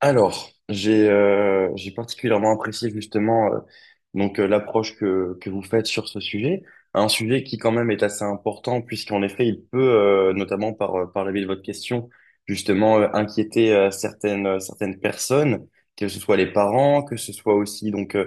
Alors, j'ai particulièrement apprécié justement, l'approche que vous faites sur ce sujet, un sujet qui quand même est assez important puisqu'en effet il peut notamment par la biais de votre question justement, inquiéter certaines personnes, que ce soit les parents, que ce soit aussi,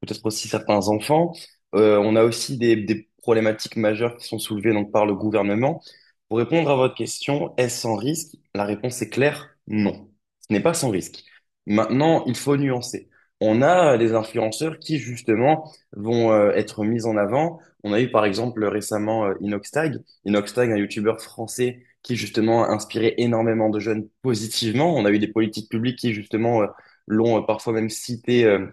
peut-être aussi certains enfants. On a aussi des problématiques majeures qui sont soulevées donc par le gouvernement. Pour répondre à votre question, est-ce sans risque? La réponse est claire, non. Ce n'est pas sans risque. Maintenant, il faut nuancer. On a des influenceurs qui, justement, vont être mis en avant. On a eu, par exemple, récemment, Inoxtag. Inoxtag, un youtubeur français qui, justement, a inspiré énormément de jeunes positivement. On a eu des politiques publiques qui, justement, l'ont parfois même cité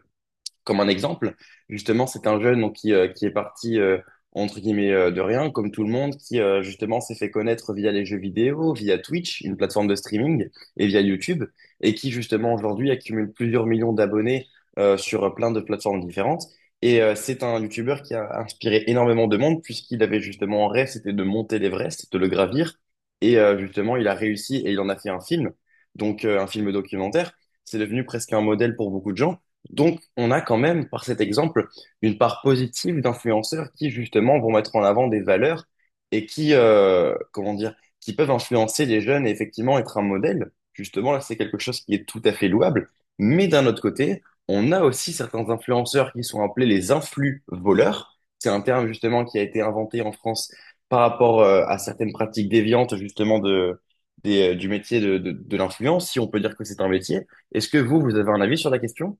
comme un exemple, justement, c'est un jeune donc, qui est parti, entre guillemets, de rien, comme tout le monde, justement, s'est fait connaître via les jeux vidéo, via Twitch, une plateforme de streaming, et via YouTube, et qui, justement, aujourd'hui, accumule plusieurs millions d'abonnés sur plein de plateformes différentes. C'est un YouTuber qui a inspiré énormément de monde, puisqu'il avait justement en rêve, c'était de monter l'Everest, de le gravir. Justement, il a réussi et il en a fait un film, un film documentaire. C'est devenu presque un modèle pour beaucoup de gens. Donc, on a quand même, par cet exemple, une part positive d'influenceurs qui, justement, vont mettre en avant des valeurs et qui, comment dire, qui peuvent influencer les jeunes et effectivement être un modèle. Justement, là, c'est quelque chose qui est tout à fait louable. Mais d'un autre côté, on a aussi certains influenceurs qui sont appelés les influx voleurs. C'est un terme, justement, qui a été inventé en France par rapport, à certaines pratiques déviantes, justement, de, du métier de, de l'influence, si on peut dire que c'est un métier. Est-ce que vous avez un avis sur la question?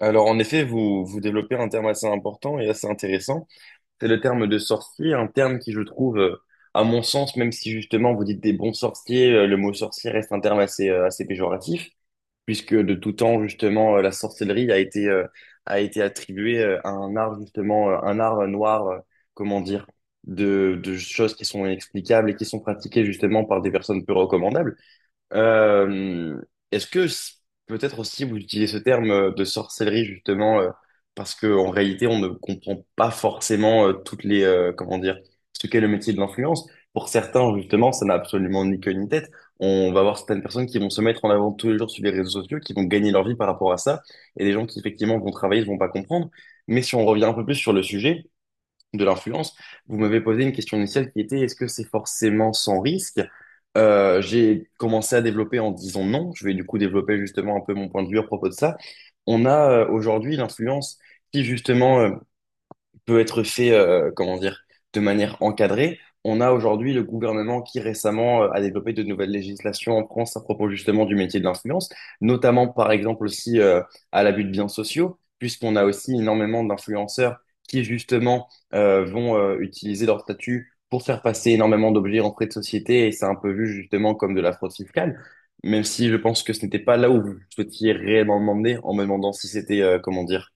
Alors en effet, vous développez un terme assez important et assez intéressant. C'est le terme de sorcier, un terme qui je trouve, à mon sens, même si justement vous dites des bons sorciers, le mot sorcier reste un terme assez péjoratif, puisque de tout temps justement, la sorcellerie a a été attribuée à un art justement, un art noir, comment dire, de choses qui sont inexplicables et qui sont pratiquées justement par des personnes peu recommandables. Euh, est-ce que c- Peut-être aussi vous utilisez ce terme de sorcellerie justement, parce que en réalité on ne comprend pas forcément toutes les comment dire ce qu'est le métier de l'influence. Pour certains justement ça n'a absolument ni queue ni tête. On va voir certaines personnes qui vont se mettre en avant tous les jours sur les réseaux sociaux, qui vont gagner leur vie par rapport à ça, et des gens qui effectivement vont travailler ne vont pas comprendre. Mais si on revient un peu plus sur le sujet, de l'influence, vous m'avez posé une question initiale qui était est-ce que c'est forcément sans risque? J'ai commencé à développer en disant non. Je vais du coup développer justement un peu mon point de vue à propos de ça. On a aujourd'hui l'influence qui justement peut être fait, comment dire, de manière encadrée. On a aujourd'hui le gouvernement qui récemment a développé de nouvelles législations en France à propos justement du métier de l'influence, notamment par exemple aussi, à l'abus de biens sociaux, puisqu'on a aussi énormément d'influenceurs qui justement vont utiliser leur statut pour faire passer énormément d'objets en frais de société et c'est un peu vu justement comme de la fraude fiscale, même si je pense que ce n'était pas là où vous souhaitiez réellement demander en me demandant si c'était, comment dire,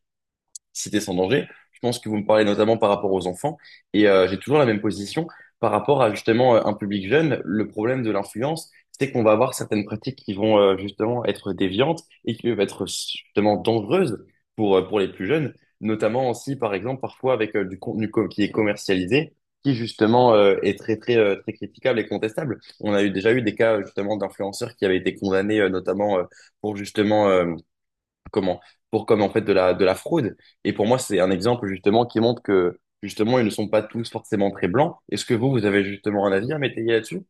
cité sans danger. Je pense que vous me parlez notamment par rapport aux enfants. J'ai toujours la même position par rapport à justement, un public jeune. Le problème de l'influence, c'est qu'on va avoir certaines pratiques qui vont, justement être déviantes et qui peuvent être justement dangereuses pour les plus jeunes, notamment aussi par exemple parfois avec qui est commercialisé, qui justement est très très critiquable et contestable. On a eu déjà eu des cas justement d'influenceurs qui avaient été condamnés notamment pour justement, comment pour comme en fait de la fraude et pour moi c'est un exemple justement qui montre que justement ils ne sont pas tous forcément très blancs, est-ce que vous avez justement un avis à m'étayer là-dessus?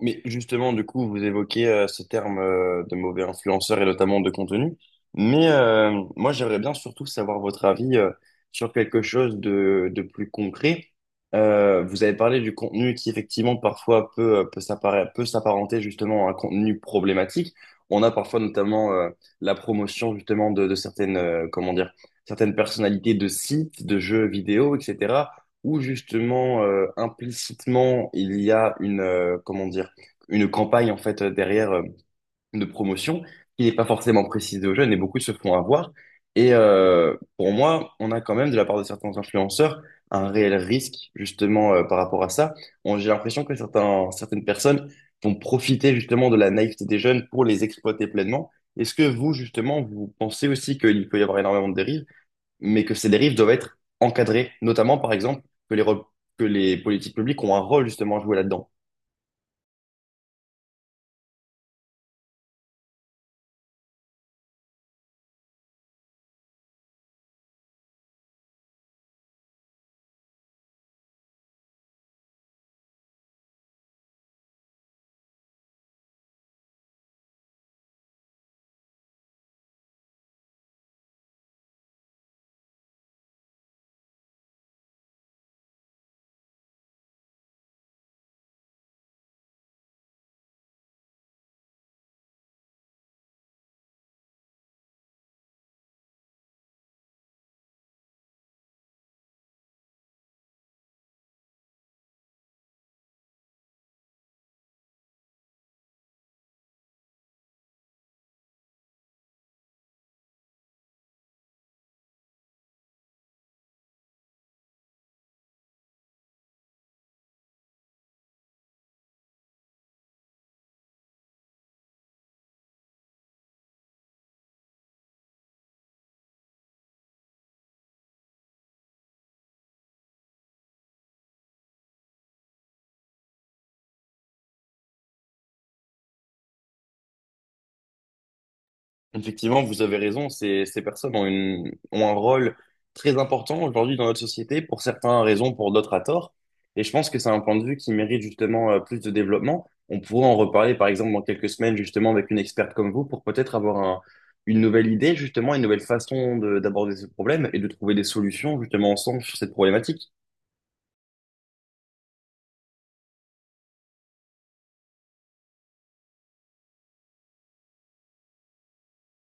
Mais justement, du coup, vous évoquez ce terme de mauvais influenceur et notamment de contenu. Mais moi, j'aimerais bien surtout savoir votre avis sur quelque chose de plus concret. Vous avez parlé du contenu qui, effectivement, parfois peut, peut s'apparenter justement à un contenu problématique. On a parfois notamment la promotion justement de certaines, comment dire, certaines personnalités de sites, de jeux vidéo, etc., où justement, implicitement, il y a une, comment dire, une campagne en fait, derrière, de promotion qui n'est pas forcément précisée aux jeunes et beaucoup se font avoir. Pour moi, on a quand même de la part de certains influenceurs un réel risque justement, par rapport à ça. J'ai l'impression que certains, certaines personnes vont profiter justement de la naïveté des jeunes pour les exploiter pleinement. Est-ce que vous justement vous pensez aussi qu'il peut y avoir énormément de dérives, mais que ces dérives doivent être encadrées, notamment par exemple que que les politiques publiques ont un rôle justement à jouer là-dedans? Effectivement, vous avez raison, ces, ces personnes ont, une, ont un rôle très important aujourd'hui dans notre société, pour certains à raison, pour d'autres à tort. Et je pense que c'est un point de vue qui mérite justement plus de développement. On pourrait en reparler par exemple dans quelques semaines justement avec une experte comme vous pour peut-être une nouvelle idée justement, une nouvelle façon d'aborder ce problème et de trouver des solutions justement ensemble sur cette problématique.